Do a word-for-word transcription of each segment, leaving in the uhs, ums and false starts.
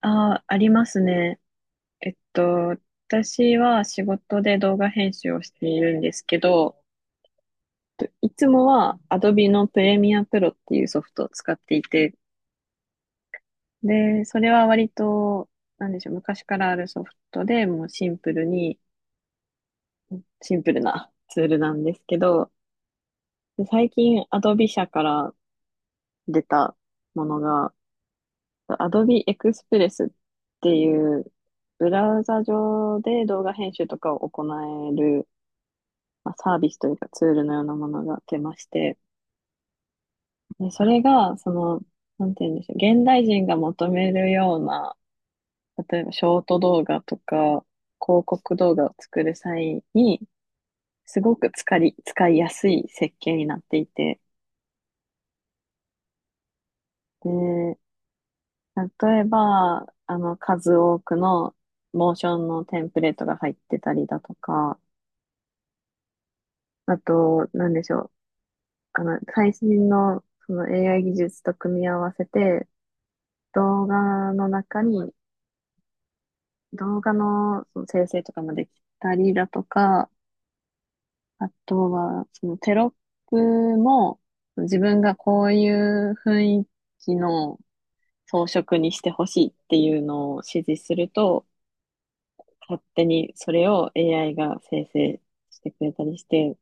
ああ、ありますね。えっと、私は仕事で動画編集をしているんですけど、えっといつもは Adobe のプレミアプロっていうソフトを使っていて、で、それは割と、なんでしょう、昔からあるソフトでもうシンプルに、シンプルな ツールなんですけど、で、最近 Adobe 社から出たものが、Adobe Express っていうブラウザ上で動画編集とかを行える、まあ、サービスというかツールのようなものが出まして、で、それが、その、なんて言うんでしょう、現代人が求めるような、例えばショート動画とか、広告動画を作る際に、すごく使い、使いやすい設計になっていて、で、例えば、あの、数多くのモーションのテンプレートが入ってたりだとか、あと、なんでしょう、あの、最新のその エーアイ 技術と組み合わせて、動画の中に、動画のその生成とかもできたりだとか、あとは、そのテロップも、自分がこういう雰囲気の装飾にしてほしいっていうのを指示すると、勝手にそれを エーアイ が生成してくれたりして、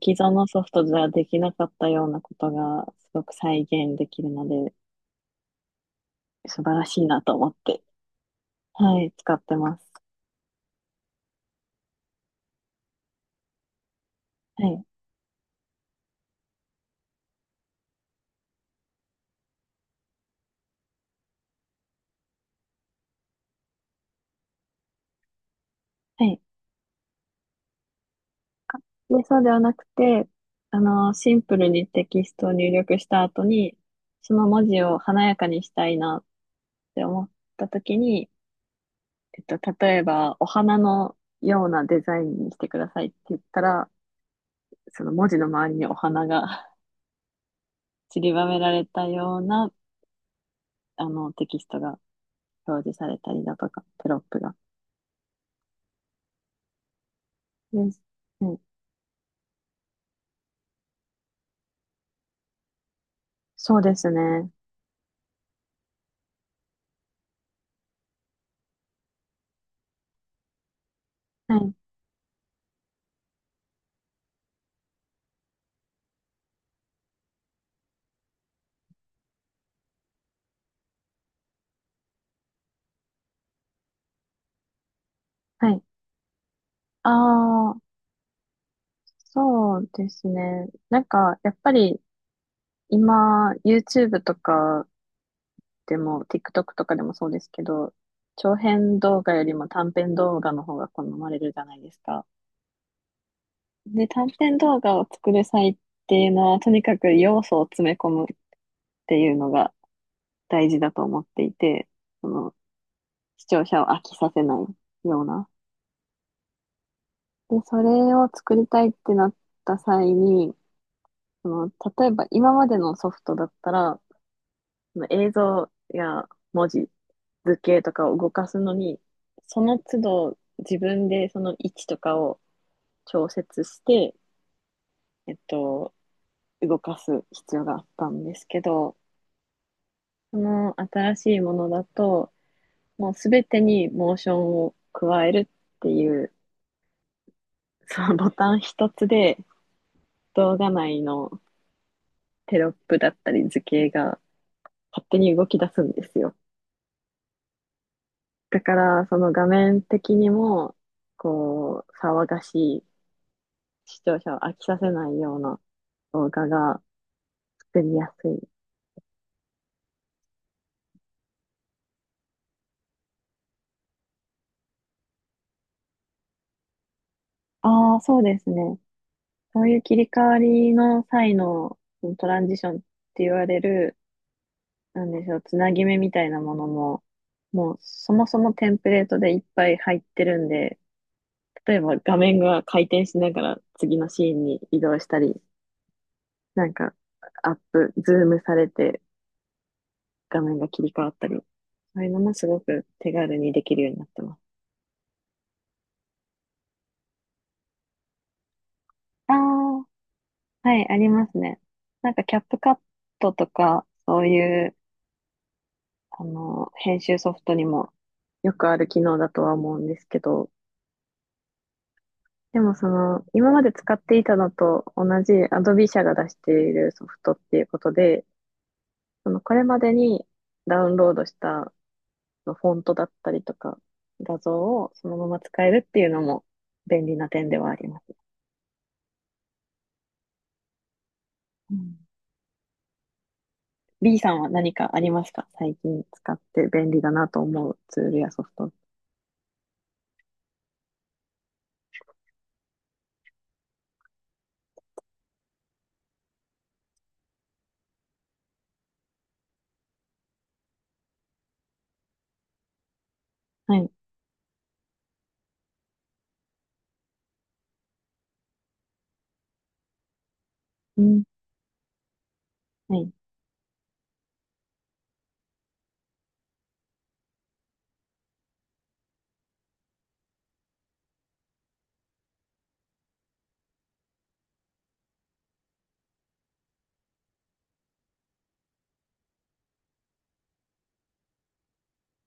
既存のソフトじゃできなかったようなことがすごく再現できるので、素晴らしいなと思って、はい、使ってます。はい。はい。で、そうではなくて、あの、シンプルにテキストを入力した後に、その文字を華やかにしたいなって思った時に、えっと、例えば、お花のようなデザインにしてくださいって言ったら、その文字の周りにお花が 散りばめられたような、あの、テキストが表示されたりだとか、テロップが。です。はい。そうですね。はい。はい。ああ、そうですね。なんか、やっぱり、今、YouTube とかでも、TikTok とかでもそうですけど、長編動画よりも短編動画の方が好まれるじゃないですか。で、短編動画を作る際っていうのは、とにかく要素を詰め込むっていうのが大事だと思っていて、その、視聴者を飽きさせないような。で、それを作りたいってなった際に、その、例えば今までのソフトだったら、その映像や文字、図形とかを動かすのに、その都度自分でその位置とかを調節して、えっと、動かす必要があったんですけど、その新しいものだと、もうすべてにモーションを加えるっていう、そのボタン一つで動画内のテロップだったり図形が勝手に動き出すんですよ。だから、その画面的にも、こう、騒がしい視聴者を飽きさせないような動画が作りやすい。ああ、そうですね。そういう切り替わりの際のトランジションって言われる、なんでしょう、つなぎ目みたいなものも、もうそもそもテンプレートでいっぱい入ってるんで、例えば画面が回転しながら次のシーンに移動したり、なんかアップ、ズームされて画面が切り替わったり、そういうのもすごく手軽にできるようになってます。ああ、はい、ありますね。なんか、キャップカットとか、そういう、あの、編集ソフトにもよくある機能だとは思うんですけど、でもその、今まで使っていたのと同じ Adobe 社が出しているソフトっていうことで、その、これまでにダウンロードしたフォントだったりとか、画像をそのまま使えるっていうのも便利な点ではあります。うん。 B さんは何かありますか、最近使って便利だなと思うツールやソフト？はい。うん。はい。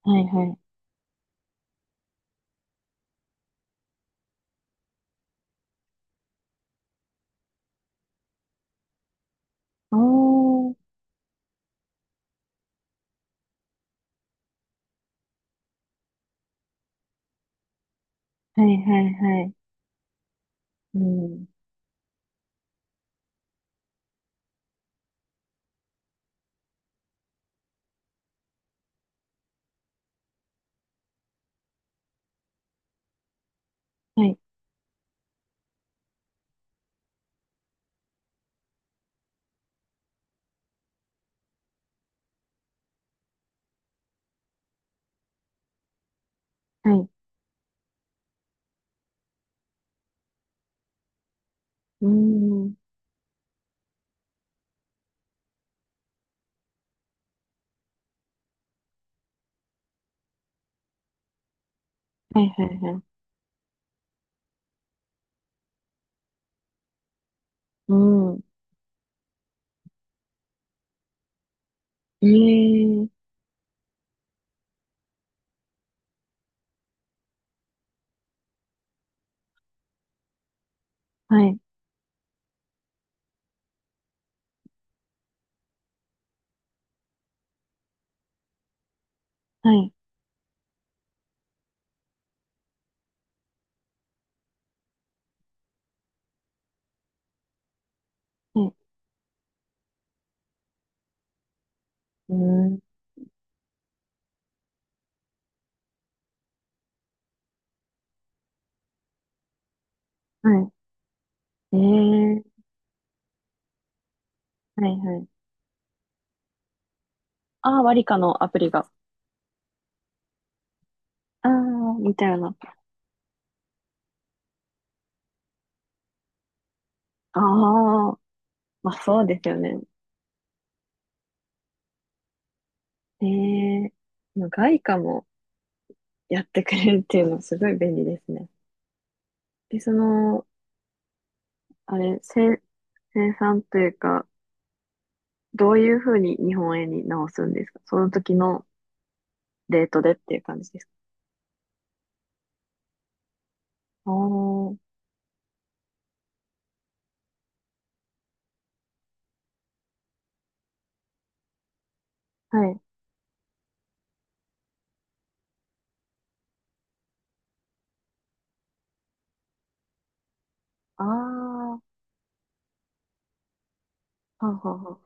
はい、はい。おー。はい、はい、はい。うん。はい、はい。うん。はい、はい、はい。うん。ええー、はい、はい、はい。うん。はい。ええー、はい、はい。ああ、ワリカのアプリが。ああ、みたいな。ああ、まあそうですよね。ええー、外貨もやってくれるっていうのはすごい便利ですね。で、その、あれ、生、生産というか、どういうふうに日本円に直すんですか、その時のレートでっていう感じですか？あー、はい。ああ、はあは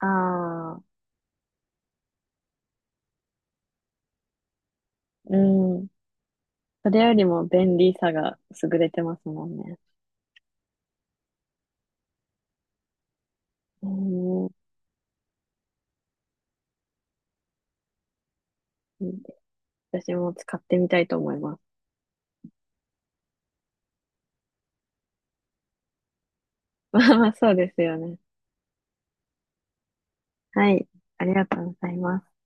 あはあ。ああ、うん。それよりも便利さが優れてますもんね。うん。私も使ってみたいと思います。まあまあ、そうですよね。はい。ありがとうございます。